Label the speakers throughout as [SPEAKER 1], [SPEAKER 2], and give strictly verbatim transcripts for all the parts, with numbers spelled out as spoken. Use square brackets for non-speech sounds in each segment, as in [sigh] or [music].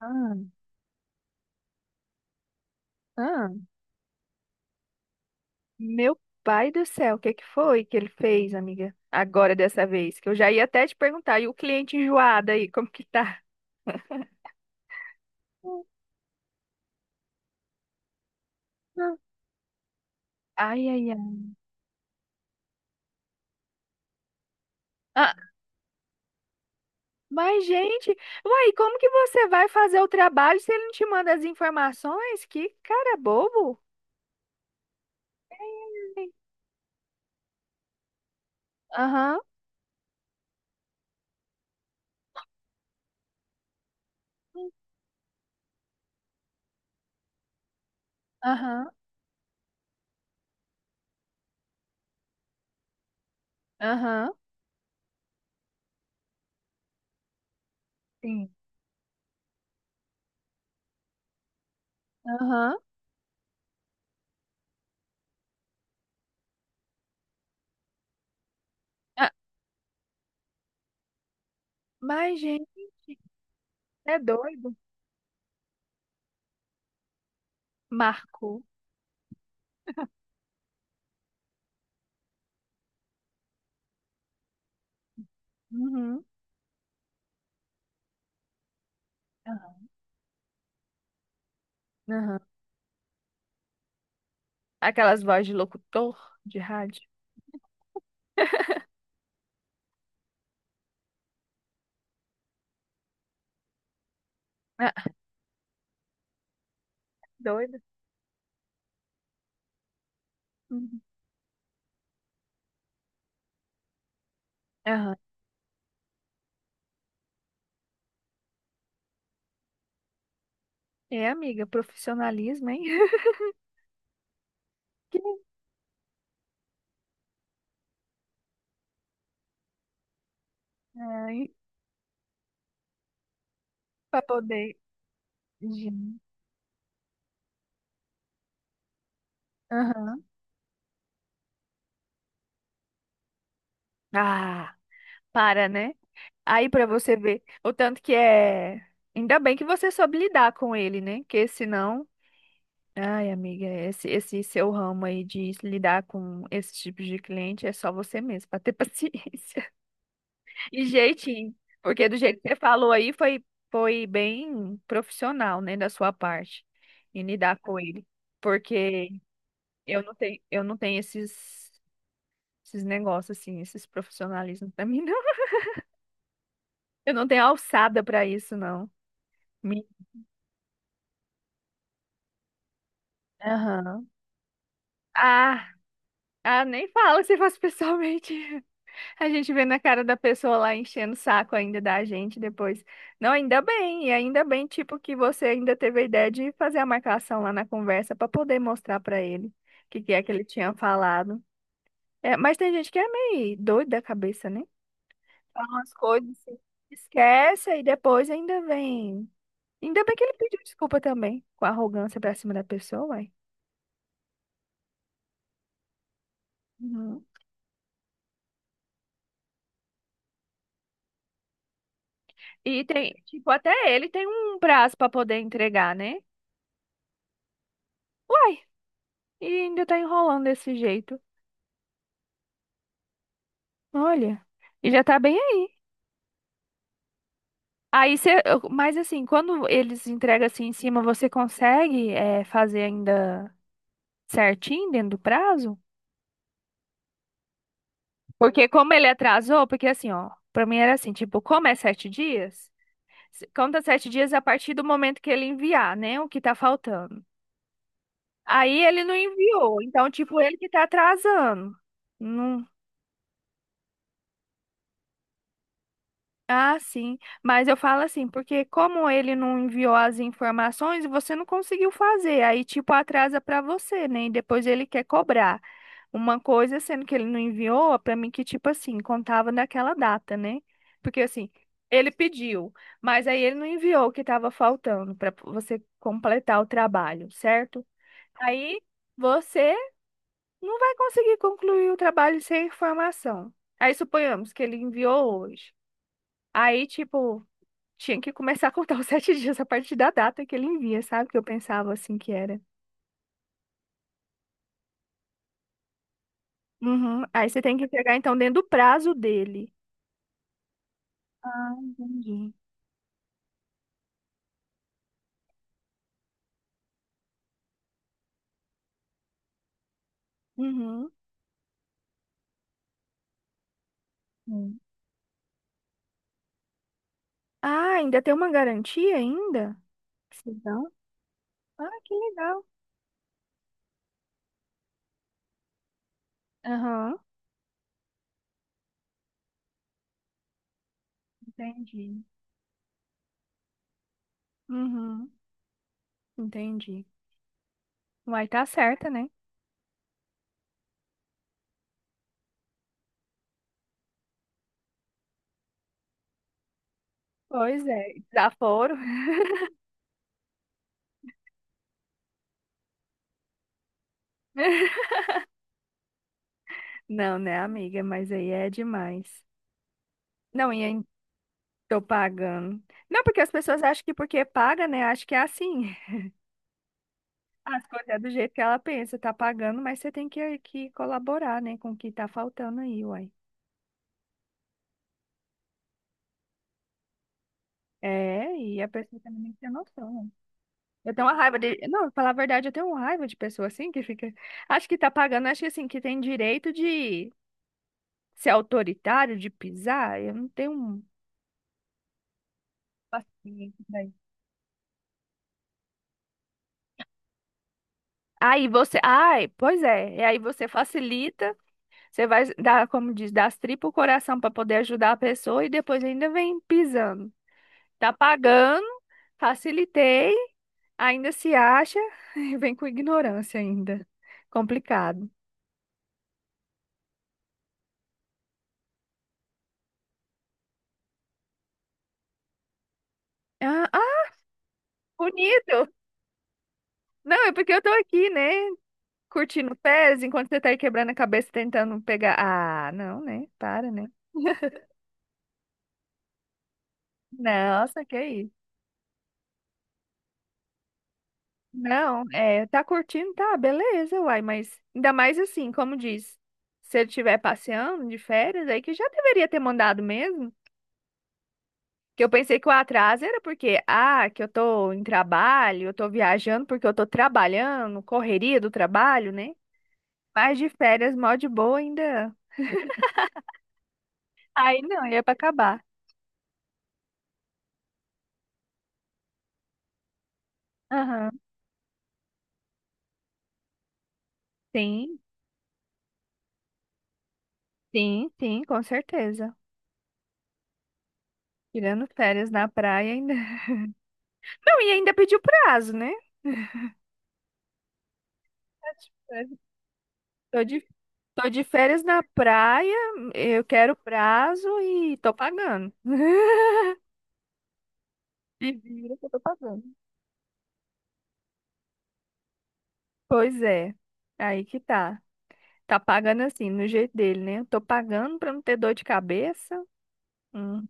[SPEAKER 1] Ah, ah, meu pai do céu, o que que foi que ele fez, amiga? Agora dessa vez, que eu já ia até te perguntar, e o cliente enjoado aí, como que tá? Hum. Ai, ai, ai. Ah, mas, gente, uai, como que você vai fazer o trabalho se ele não te manda as informações? Que cara bobo. Ai. Aham, aham, aham. Sim. Aham. Ah, mas, gente, é doido. Marcou. Uhum. Aham. Aham. Aquelas vozes de locutor de rádio. [laughs] Ah, doida. Uhum. Aham. É, amiga, profissionalismo, hein? [laughs] Que- Ai, pra poder. Gente. Aham. Ah, para, né? Aí pra você ver o tanto que é. Ainda bem que você soube lidar com ele, né? Porque senão. Ai, amiga, esse, esse seu ramo aí de lidar com esse tipo de cliente é só você mesmo, pra ter [laughs] paciência. Que jeitinho. Porque do jeito que você falou aí foi, foi bem profissional, né, da sua parte, em lidar com ele. Porque eu não tenho, eu não tenho esses, esses negócios, assim, esses profissionalismos pra [laughs] mim, não. Eu não tenho alçada pra isso, não. Me- Aham. Ah, ah, nem fala se faz pessoalmente. A gente vê na cara da pessoa lá enchendo o saco ainda da gente depois. Não, ainda bem, e ainda bem, tipo, que você ainda teve a ideia de fazer a marcação lá na conversa para poder mostrar para ele o que que é que ele tinha falado. É, mas tem gente que é meio doida da cabeça, né? Fala umas coisas assim, esquece e depois ainda vem. Ainda bem que ele pediu desculpa também, com arrogância pra cima da pessoa, uai. Uhum. E tem, tipo, até ele tem um prazo para poder entregar, né? Uai, e ainda tá enrolando desse jeito. Olha, e já tá bem aí. Aí você, mas assim, quando eles entregam assim em cima, você consegue eh, fazer ainda certinho dentro do prazo? Porque como ele atrasou, porque assim, ó, pra mim era assim, tipo, como é sete dias, se- conta sete dias a partir do momento que ele enviar, né, o que tá faltando. Aí ele não enviou, então tipo, ele que tá atrasando. Ah, sim. Mas eu falo assim, porque como ele não enviou as informações, você não conseguiu fazer. Aí, tipo, atrasa pra você, né? E depois ele quer cobrar uma coisa, sendo que ele não enviou, pra mim que, tipo assim, contava naquela data, né? Porque assim, ele pediu, mas aí ele não enviou o que tava faltando pra você completar o trabalho, certo? Aí você não vai conseguir concluir o trabalho sem informação. Aí suponhamos que ele enviou hoje. Aí, tipo, tinha que começar a contar os [laughs] sete dias a partir da data que ele envia, sabe? Que eu pensava assim que era. Uhum. Aí você tem que entregar, então, dentro do prazo dele. Ah, entendi. Uhum. Hum. Ah, ainda tem uma garantia ainda? Que legal. Ah, que legal. Aham. Entendi. Uhum. Entendi. Vai tá certa, né? Pois é. Desaforo. [laughs] Não, né, amiga? Mas aí é demais. Não, e aí tô pagando. Não, porque as pessoas acham que porque paga, né? Acho que é assim. As coisas é do jeito que ela pensa, tá pagando, mas você tem que, que colaborar, né, com o que tá faltando aí, uai. É, e a pessoa também tem que ter noção. Né? Eu tenho uma raiva de. Não, pra falar a verdade, eu tenho uma raiva de pessoa assim que fica. Acho que tá pagando, acho que assim, que tem direito de ser autoritário, de pisar. Eu não tenho paciência pra isso. Aí você. Ai, pois é. E aí você facilita, você vai dar, como diz, dar as tripas o coração pra poder ajudar a pessoa e depois ainda vem pisando. Tá pagando, facilitei, ainda se acha, [laughs] vem com ignorância ainda. Complicado. Ah, ah, bonito! Não, é porque eu tô aqui, né? Curtindo pés, enquanto você tá aí quebrando a cabeça tentando pegar. Ah, não, né? Para, né? [laughs] Nossa, que isso. Não, é, tá curtindo, tá, beleza, uai, mas ainda mais assim, como diz, se ele estiver passeando de férias, aí que já deveria ter mandado mesmo. Que eu pensei que o atraso era porque, ah, que eu tô em trabalho, eu tô viajando porque eu tô trabalhando, correria do trabalho, né? Mas de férias, mó de boa ainda. Aí não, ia pra acabar. Aham. Sim, sim, sim, com certeza. Tirando férias na praia ainda. [laughs] Não, e ainda pediu prazo, né? Tô de, tô de férias na praia, eu quero prazo e tô pagando. [laughs] E vira que eu tô pagando. Pois é, aí que tá. Tá pagando assim, no jeito dele, né? Tô pagando pra não ter dor de cabeça. Hum.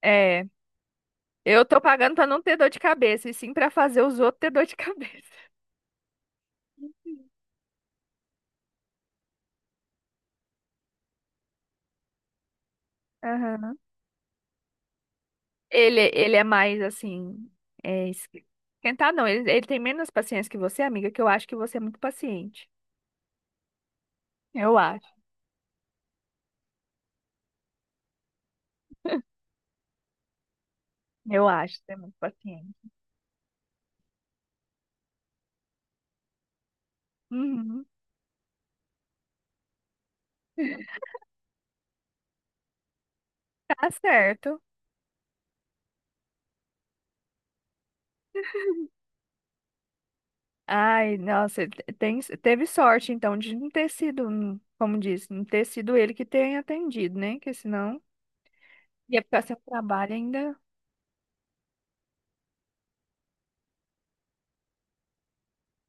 [SPEAKER 1] É, eu tô pagando pra não ter dor de cabeça, e sim pra fazer os outros ter dor de cabeça. [laughs] Aham. Ele, ele é mais assim, é, esqui- esquentar não, ele, ele tem menos paciência que você, amiga, que eu acho que você é muito paciente. Eu acho, eu acho que você é muito paciente. Uhum, tá certo. Ai, nossa, ele te- tem, teve sorte então de não ter sido, hum, como disse, não ter sido ele que tenha atendido, né? Que senão. Ia ficar sem trabalho ainda.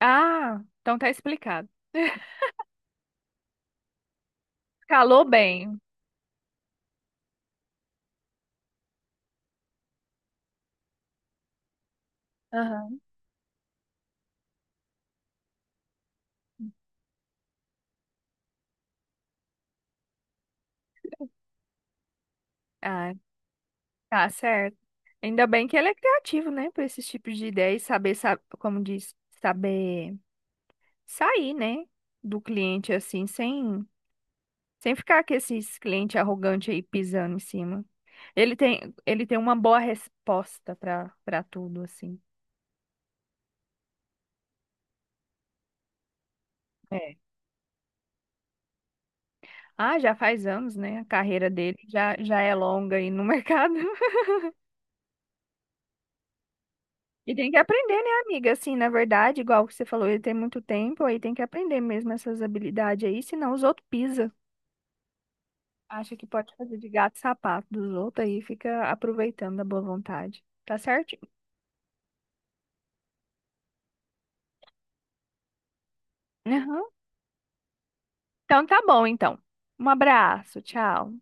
[SPEAKER 1] Ah, então tá explicado. [laughs] Calou bem. Aham. Ah, tá certo. Ainda bem que ele é criativo, né? Para esses tipos de ideias, saber, sa- como diz, saber sair, né? Do cliente assim, sem, sem ficar com esses clientes arrogantes aí pisando em cima. Ele tem, ele tem uma boa resposta para para tudo, assim. É. Ah, já faz anos, né? A carreira dele já, já é longa aí no [laughs] mercado. E tem que aprender, né, amiga? Assim, na verdade, igual que você falou, ele tem muito tempo, aí tem que aprender mesmo essas habilidades aí, senão os outros pisam. Acha que pode fazer de gato e sapato dos outros aí, fica aproveitando a boa vontade. Tá certinho? Aham. Então tá bom, então. Um abraço, tchau.